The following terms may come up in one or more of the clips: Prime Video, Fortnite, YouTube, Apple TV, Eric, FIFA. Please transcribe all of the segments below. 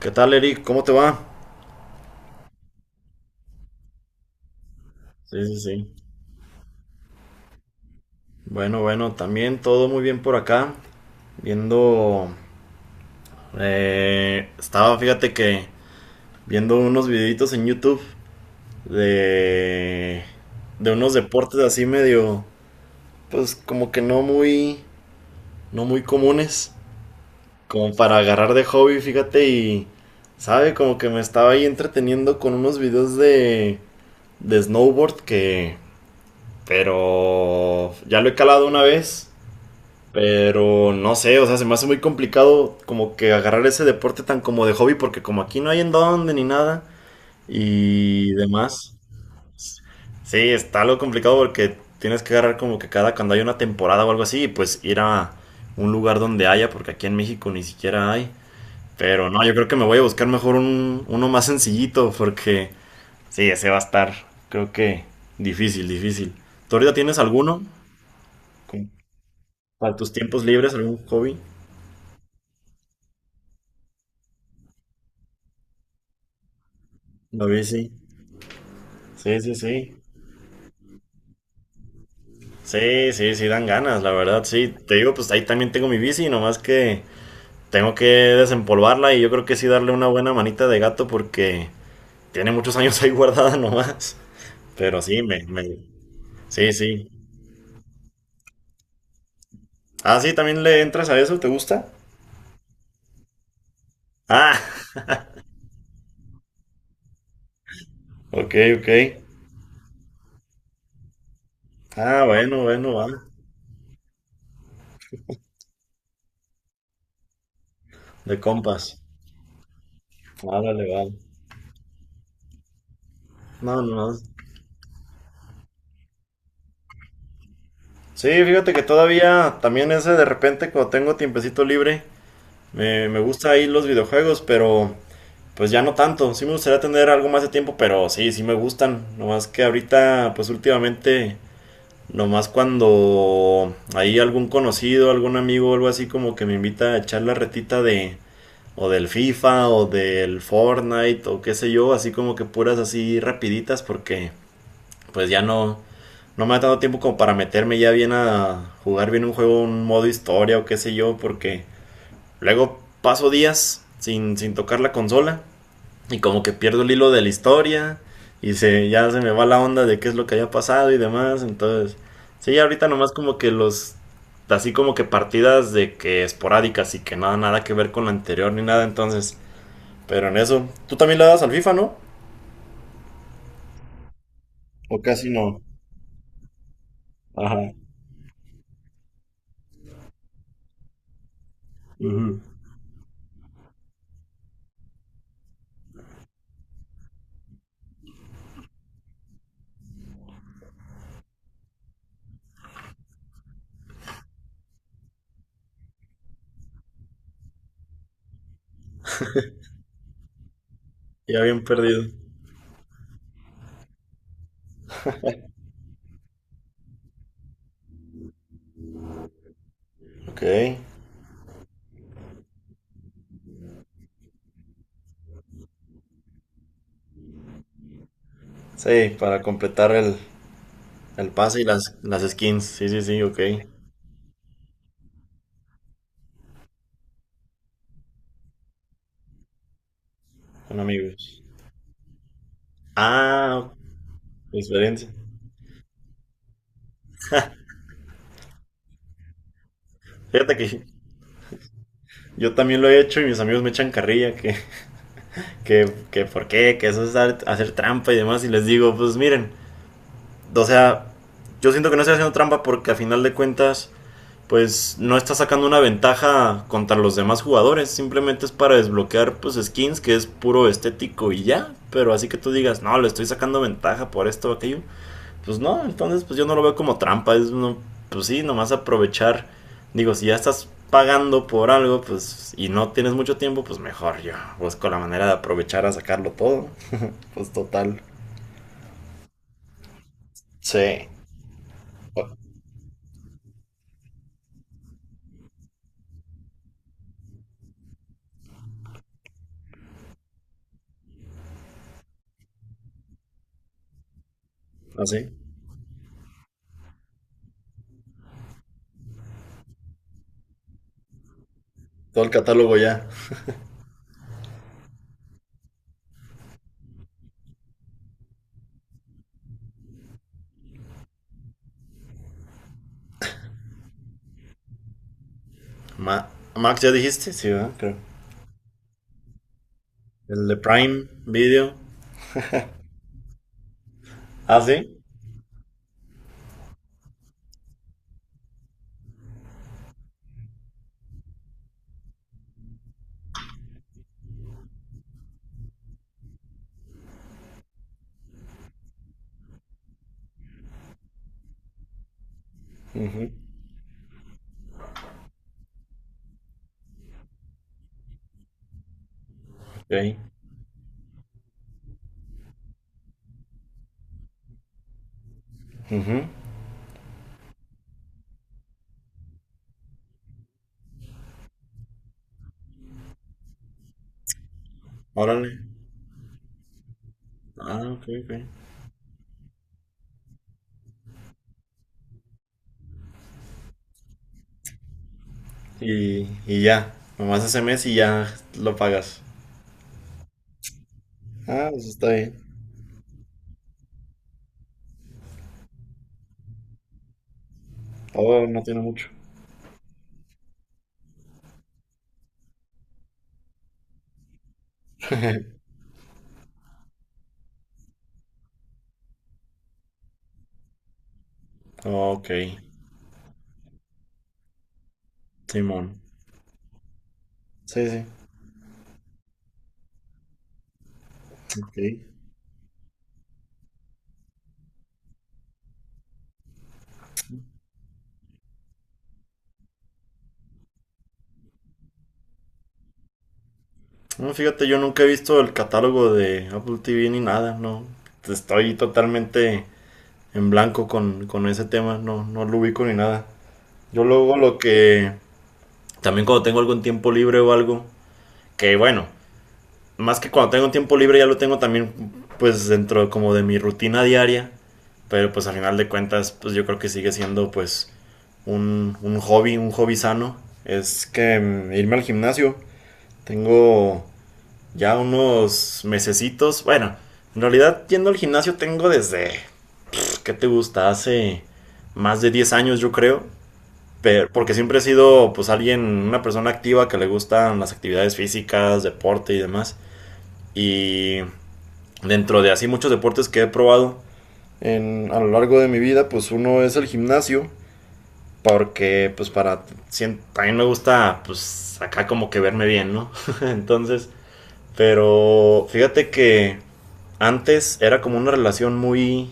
¿Qué tal, Eric? ¿Cómo te va? Sí, sí, sí. Bueno, bueno, también todo muy bien por acá. Viendo... estaba, fíjate que viendo unos videitos en YouTube de... de unos deportes así medio... pues como que no muy... no muy comunes. Como para agarrar de hobby, fíjate, y... ¿Sabe? Como que me estaba ahí entreteniendo con unos videos de snowboard que... pero... ya lo he calado una vez. Pero no sé, o sea, se me hace muy complicado como que agarrar ese deporte tan como de hobby porque como aquí no hay en dónde ni nada y demás. Sí, está algo complicado porque tienes que agarrar como que cada cuando hay una temporada o algo así, y pues ir a un lugar donde haya porque aquí en México ni siquiera hay. Pero no, yo creo que me voy a buscar mejor uno más sencillito porque sí, ese va a estar, creo que difícil, difícil. ¿Tú ahorita tienes alguno? Con- ¿Para tus tiempos libres, algún hobby? No, sí. Sí, sí, sí. Sí, sí, sí, dan ganas, la verdad, sí. Te digo, pues ahí también tengo mi bici, nomás que tengo que desempolvarla y yo creo que sí darle una buena manita de gato porque tiene muchos años ahí guardada nomás. Pero sí, me... Sí, sí. Ah, sí, también le entras a eso, ¿te gusta? Ah, ok, ok. Ah, bueno, bueno, va. De compas. Árale, va. No, no. No. Sí, fíjate que todavía también ese de repente cuando tengo tiempecito libre, me gusta ahí los videojuegos, pero pues ya no tanto. Sí me gustaría tener algo más de tiempo, pero sí, sí me gustan. Nomás que ahorita, pues últimamente, nomás cuando hay algún conocido, algún amigo o algo así como que me invita a echar la retita de o del FIFA o del Fortnite o qué sé yo, así como que puras así rapiditas porque pues ya no me ha dado tiempo como para meterme ya bien a jugar bien un juego, un modo historia o qué sé yo, porque luego paso días sin tocar la consola y como que pierdo el hilo de la historia. Ya se me va la onda de qué es lo que haya pasado y demás. Entonces, sí, ahorita nomás como que los. Así como que partidas de que esporádicas y que nada, nada que ver con la anterior ni nada. Entonces, pero en eso. ¿Tú también le das al FIFA, no? O casi no. Ajá. Ujú. Ya bien perdido. Ok. Sí, para completar el pase y las skins. Sí, sí, sí, ok. Son amigos. Ah, experiencia. Fíjate que yo también lo he hecho y mis amigos me echan carrilla que por qué, que eso es hacer trampa y demás. Y les digo, pues miren, o sea, yo siento que no estoy haciendo trampa porque a final de cuentas, pues no está sacando una ventaja contra los demás jugadores. Simplemente es para desbloquear, pues, skins que es puro estético y ya. Pero así que tú digas, no, le estoy sacando ventaja por esto o aquello pues no, entonces pues yo no lo veo como trampa, es no, pues sí, nomás aprovechar, digo, si ya estás pagando por algo, pues y no tienes mucho tiempo, pues mejor yo busco la manera de aprovechar a sacarlo todo, pues total. Sí. Así, todo el catálogo ya. Ma- Max, ¿ya dijiste? Sí, ¿verdad? Creo. El de Prime Video. Ah, sí. Ujú. Ok, órale. Ah, ok, ok. Y ya, nomás ese mes y ya lo pagas. Ah, pues está bien. Oh, no tiene mucho. Ok, Simón. Sí, sí. Ok. No, fíjate, yo nunca he visto el catálogo de Apple TV ni nada, no. Estoy totalmente en blanco con ese tema, no, no lo ubico ni nada. Yo luego lo que... También cuando tengo algún tiempo libre o algo, que bueno, más que cuando tengo un tiempo libre ya lo tengo también pues dentro como de mi rutina diaria, pero pues al final de cuentas pues yo creo que sigue siendo pues un hobby, un hobby sano, es que irme al gimnasio. Tengo ya unos mesecitos. Bueno, en realidad yendo al gimnasio tengo desde, ¿qué te gusta? Hace más de 10 años yo creo. Pero, porque siempre he sido pues alguien, una persona activa que le gustan las actividades físicas, deporte y demás. Y dentro de así muchos deportes que he probado a lo largo de mi vida, pues uno es el gimnasio. Porque, pues, para. También me gusta, pues, acá como que verme bien, ¿no? Entonces, pero fíjate que antes era como una relación muy.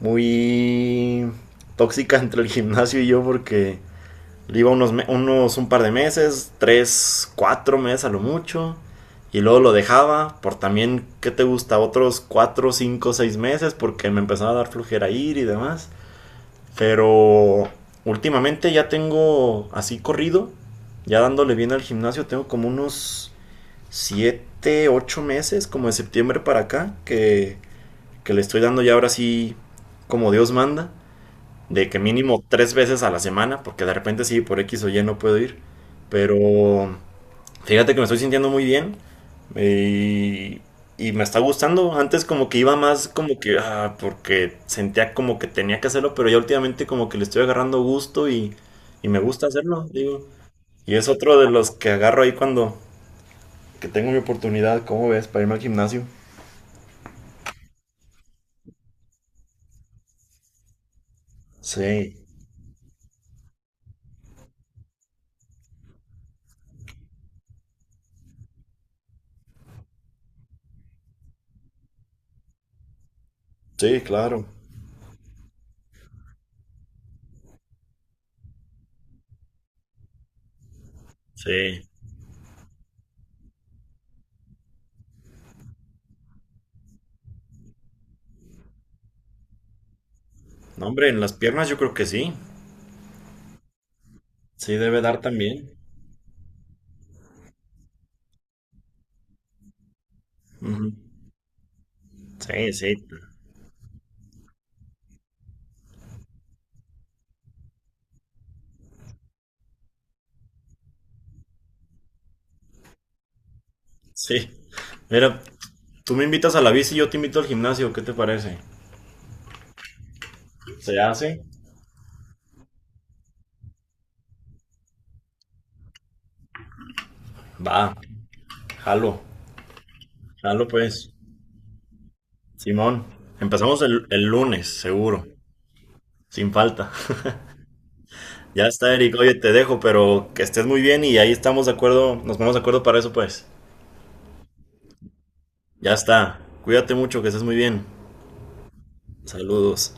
Muy tóxica entre el gimnasio y yo, porque iba unos un par de meses, tres, cuatro meses a lo mucho. Y luego lo dejaba por también, ¿qué te gusta? Otros cuatro, cinco, seis meses porque me empezaba a dar flujera ir y demás. Pero últimamente ya tengo así corrido, ya dándole bien al gimnasio, tengo como unos 7 u 8 meses, como de septiembre para acá, que le estoy dando ya ahora sí como Dios manda, de que mínimo 3 veces a la semana, porque de repente sí, por X o Y no puedo ir, pero fíjate que me estoy sintiendo muy bien, eh, y me está gustando. Antes como que iba más como que, ah, porque sentía como que tenía que hacerlo, pero ya últimamente como que le estoy agarrando gusto y me gusta hacerlo, digo. Y es otro de los que agarro ahí cuando que tengo mi oportunidad, ¿cómo ves? Para irme al gimnasio. Sí, sí, claro. Sí. No, hombre, en las piernas yo creo que sí. Sí, debe dar también. Ujú. Sí, sí. Sí. Mira, tú me invitas a la bici y yo te invito al gimnasio, ¿qué te parece? ¿Se hace? Va, jalo, jalo pues. Simón, empezamos el lunes, seguro, sin falta. Ya está, Eric, oye, te dejo, pero que estés muy bien y ahí estamos de acuerdo, nos ponemos de acuerdo para eso pues. Ya está, cuídate mucho, que estés muy bien. Saludos.